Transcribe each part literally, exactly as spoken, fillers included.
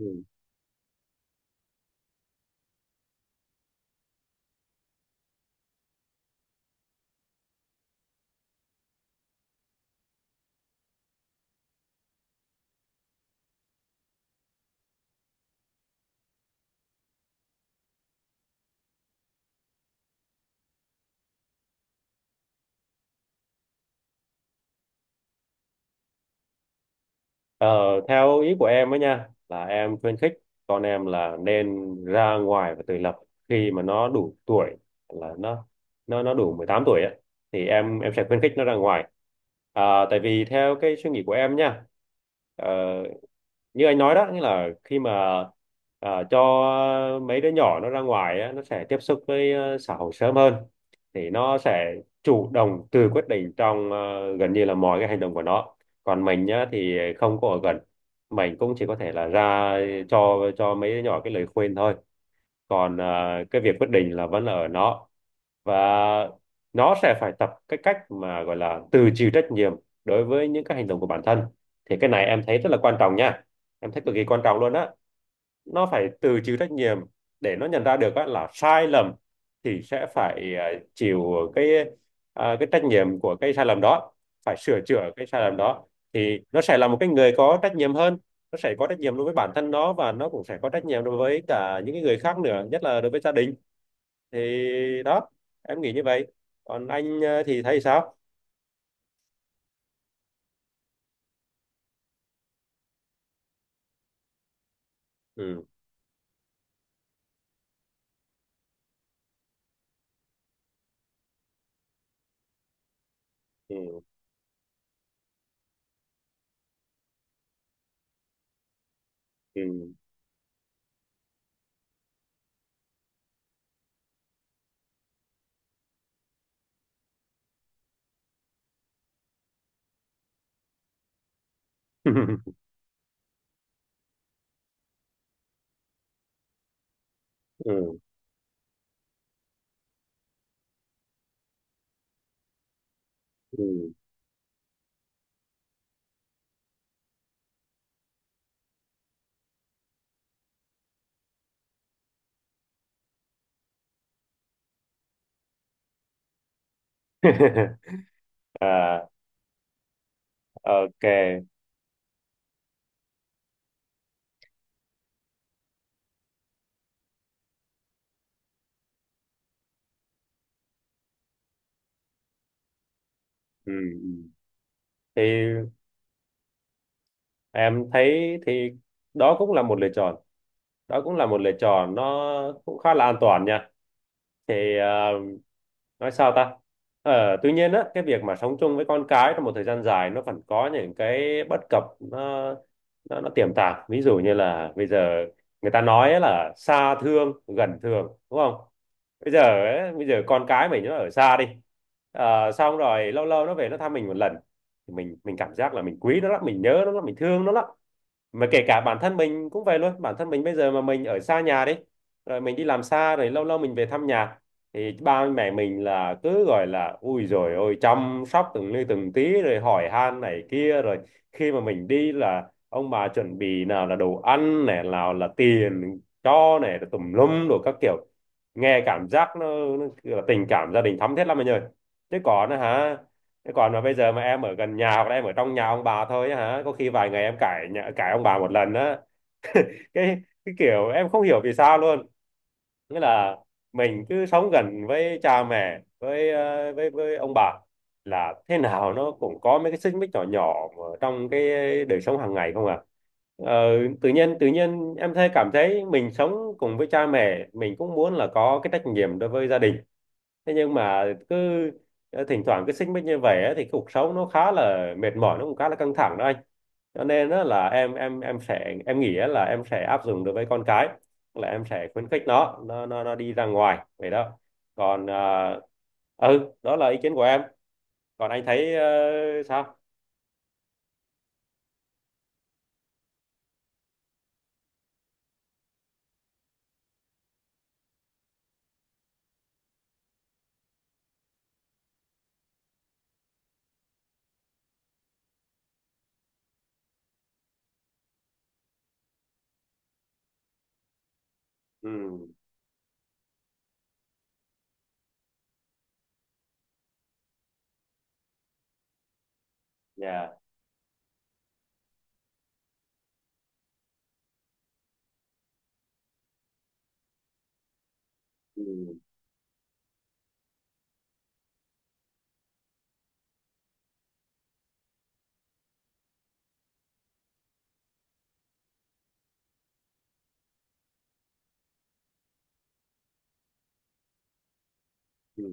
Ừ. Ờ, theo ý của em ấy nha là em khuyến khích con em là nên ra ngoài và tự lập khi mà nó đủ tuổi, là nó nó nó đủ mười tám tuổi ấy, thì em em sẽ khuyến khích nó ra ngoài, à, tại vì theo cái suy nghĩ của em nha, ờ, như anh nói đó, nghĩa là khi mà à, cho mấy đứa nhỏ nó ra ngoài á, nó sẽ tiếp xúc với ờ, xã hội sớm hơn, thì nó sẽ chủ động tự quyết định trong ờ, gần như là mọi cái hành động của nó. Còn mình nhá thì không có ở gần, mình cũng chỉ có thể là ra cho cho mấy đứa nhỏ cái lời khuyên thôi, còn à, cái việc quyết định là vẫn là ở nó, và nó sẽ phải tập cái cách mà gọi là tự chịu trách nhiệm đối với những cái hành động của bản thân. Thì cái này em thấy rất là quan trọng nha, em thấy cực kỳ quan trọng luôn á. Nó phải tự chịu trách nhiệm để nó nhận ra được á, là sai lầm thì sẽ phải à, chịu cái à, cái trách nhiệm của cái sai lầm đó, phải sửa chữa cái sai lầm đó thì nó sẽ là một cái người có trách nhiệm hơn. Nó sẽ có trách nhiệm đối với bản thân nó và nó cũng sẽ có trách nhiệm đối với cả những cái người khác nữa, nhất là đối với gia đình. Thì đó, em nghĩ như vậy. Còn anh à, thì thấy sao? Ừ. Ừ. Ừ. Ừ. Ừ. À, ok. Ừ. Ừ. Thì em thấy thì đó cũng là một lựa chọn. Đó cũng là một lựa chọn, nó cũng khá là an toàn nha. Thì ờ, nói sao ta? Ờ, tuy nhiên á, cái việc mà sống chung với con cái trong một thời gian dài nó vẫn có những cái bất cập, nó nó, nó tiềm tàng. Ví dụ như là bây giờ người ta nói ấy là xa thương, gần thương, đúng không? Bây giờ ấy, bây giờ con cái mình nó ở xa đi. Ờ, xong rồi lâu lâu nó về nó thăm mình một lần. Thì mình mình cảm giác là mình quý nó lắm, mình nhớ nó lắm, mình thương nó lắm, mà kể cả bản thân mình cũng vậy luôn, bản thân mình bây giờ mà mình ở xa nhà đi, rồi mình đi làm xa rồi lâu lâu mình về thăm nhà, thì ba mẹ mình là cứ gọi là ui rồi ôi chăm sóc từng ly từng tí rồi hỏi han này kia, rồi khi mà mình đi là ông bà chuẩn bị nào là đồ ăn này nào là tiền cho này rồi tùm lum đồ các kiểu, nghe cảm giác nó, nó kiểu là tình cảm gia đình thắm thiết lắm anh ơi, chứ còn á hả. Thế còn mà bây giờ mà em ở gần nhà hoặc là em ở trong nhà ông bà thôi á hả, có khi vài ngày em cãi nhà, cãi ông bà một lần á. Cái cái kiểu em không hiểu vì sao luôn. Nghĩa là mình cứ sống gần với cha mẹ, với ờ, với với ông bà là thế nào nó cũng có mấy cái xích mích nhỏ nhỏ mà trong cái đời sống hàng ngày không à. Ờ, tự nhiên tự nhiên em thấy cảm thấy mình sống cùng với cha mẹ, mình cũng muốn là có cái trách nhiệm đối với gia đình, thế nhưng mà cứ ờ, thỉnh thoảng cứ xích mích như vậy á, thì cuộc sống nó khá là mệt mỏi, nó cũng khá là căng thẳng đó anh. Cho nên á là em em em sẽ em nghĩ á là em sẽ áp dụng đối với con cái, là em sẽ khuyến khích nó nó nó, nó đi ra ngoài vậy đó. Còn ờ, ừ đó là ý kiến của em, còn anh thấy ờ, sao? Ừ. Dạ. Ừ. Ừ.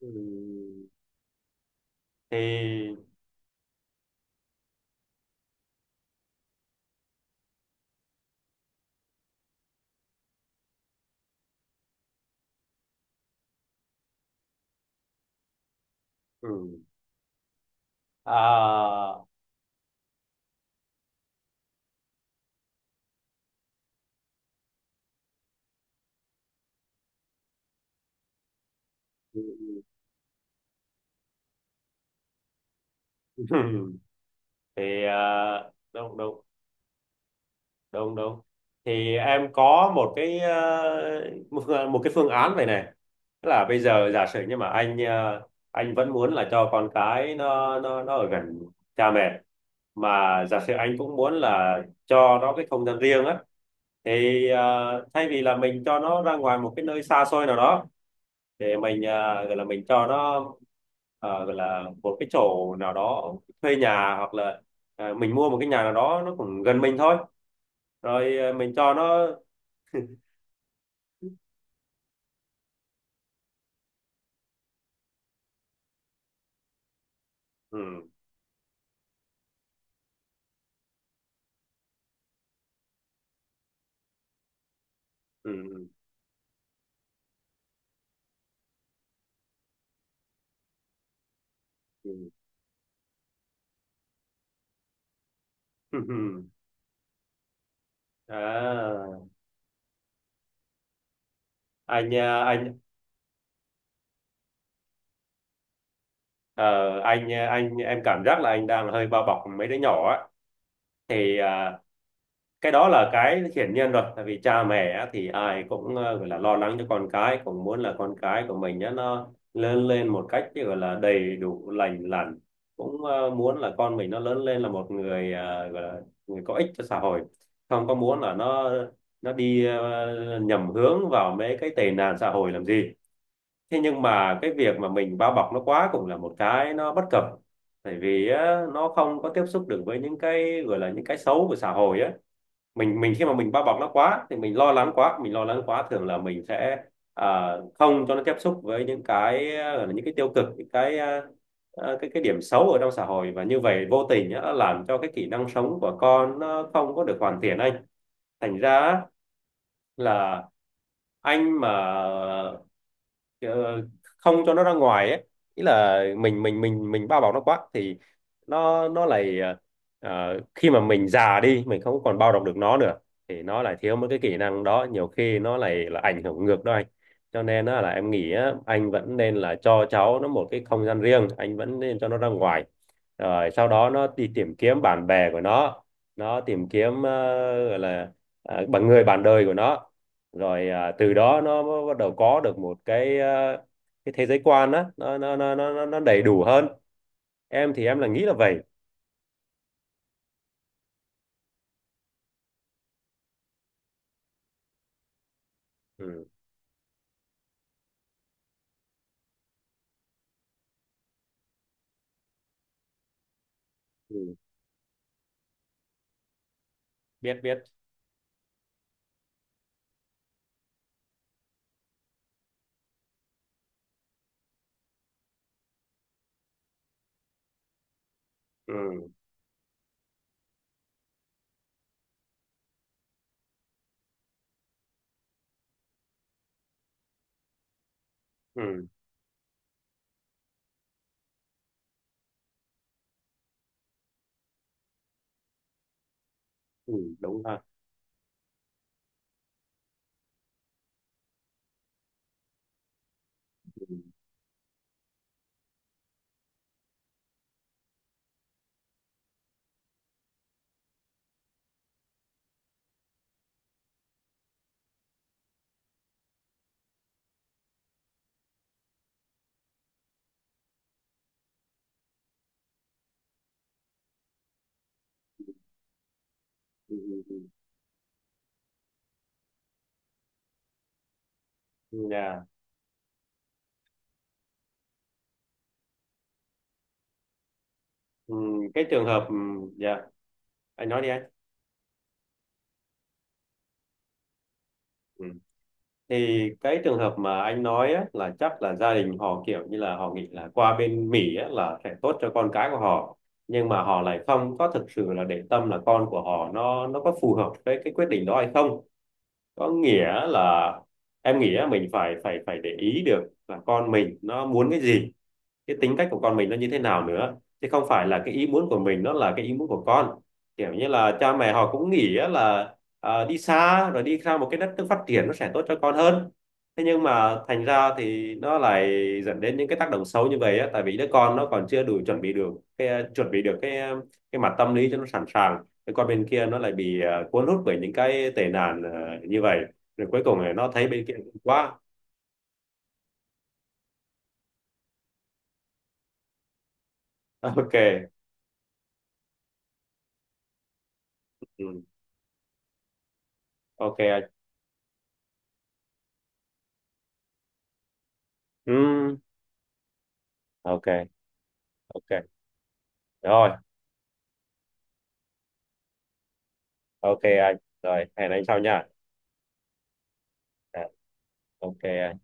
Ừ. Thì. Ừ. À. Ừ. Ừ. Thì à, đúng, đúng, đúng, đúng. Thì em có một cái ờ, một một cái phương án vậy này, tức là bây giờ giả sử nhưng mà anh ờ, anh vẫn muốn là cho con cái nó nó nó ở gần cha mẹ, mà giả sử anh cũng muốn là cho nó cái không gian riêng á, thì ờ, thay vì là mình cho nó ra ngoài một cái nơi xa xôi nào đó, để mình ờ, gọi là mình cho nó ờ, gọi là một cái chỗ nào đó thuê nhà, hoặc là ờ, mình mua một cái nhà nào đó nó cũng gần mình thôi, rồi ờ, mình cho nó. Ừ. Ừ. Ừ. Ừ. À, anh à, anh ờ, anh anh em cảm giác là anh đang hơi bao bọc mấy đứa nhỏ á, thì à, cái đó là cái hiển nhiên rồi, tại vì cha mẹ á, thì ai cũng ờ, gọi là lo lắng cho con cái, cũng muốn là con cái của mình á, nó lớn lên một cách gọi là đầy đủ lành lặn, cũng ờ, muốn là con mình nó lớn lên là một người ờ, gọi là người có ích cho xã hội, không có muốn là nó nó đi ờ, nhầm hướng vào mấy cái tệ nạn xã hội làm gì. Thế nhưng mà cái việc mà mình bao bọc nó quá cũng là một cái nó bất cập, tại vì á, nó không có tiếp xúc được với những cái gọi là những cái xấu của xã hội á. Mình mình khi mà mình bao bọc nó quá thì mình lo lắng quá, mình lo lắng quá thường là mình sẽ à, không cho nó tiếp xúc với những cái à, gọi là những cái tiêu cực, những cái à, à, cái cái điểm xấu ở trong xã hội, và như vậy vô tình á, nó làm cho cái kỹ năng sống của con nó không có được hoàn thiện anh. Thành ra á, là anh mà ờ, không cho nó ra ngoài ấy, ý là mình mình mình mình bao bọc nó quá thì nó nó lại ờ, khi mà mình già đi mình không còn bao bọc được nó nữa, thì nó lại thiếu mất cái kỹ năng đó, nhiều khi nó lại là ảnh hưởng ngược đó anh. Cho nên á là em nghĩ á, anh vẫn nên là cho cháu nó một cái không gian riêng, anh vẫn nên cho nó ra ngoài rồi sau đó nó đi tìm kiếm bạn bè của nó nó tìm kiếm ờ, gọi là ờ, bằng người bạn đời của nó, rồi à, từ đó nó bắt đầu có được một cái à, cái thế giới quan á, nó nó nó nó nó nó đầy đủ hơn. Em thì em là nghĩ là vậy. Ừ, ừ, biết biết, ừ, ừ, ừ, đúng ha. Ừ, ừ, ừ. Ừ, dạ. Ừ, cái trường hợp ừ, dạ, anh nói đi anh. Ừ. Thì cái trường hợp mà anh nói á, là chắc là gia đình họ kiểu như là họ nghĩ là qua bên Mỹ á, là sẽ tốt cho con cái của họ, nhưng mà họ lại không có thực sự là để tâm là con của họ nó nó có phù hợp với cái quyết định đó hay không, có nghĩa là em nghĩ á, mình phải phải phải để ý được là con mình nó muốn cái gì, cái tính cách của con mình nó như thế nào nữa, chứ không phải là cái ý muốn của mình nó là cái ý muốn của con. Kiểu như là cha mẹ họ cũng nghĩ á là à, đi xa rồi đi ra một cái đất nước phát triển nó sẽ tốt cho con hơn, thế nhưng mà thành ra thì nó lại dẫn đến những cái tác động xấu như vậy á, tại vì đứa con nó còn chưa đủ chuẩn bị được cái chuẩn bị được cái cái mặt tâm lý cho nó sẵn sàng, cái con bên kia nó lại bị ờ, cuốn hút bởi những cái tệ nạn ờ, như vậy, rồi cuối cùng là nó thấy bên kia quá. Ok. Ừ. Ok. Ừ. Ok, ok rồi. Ok anh. Rồi, hẹn anh sau nha. Dạ, ok anh.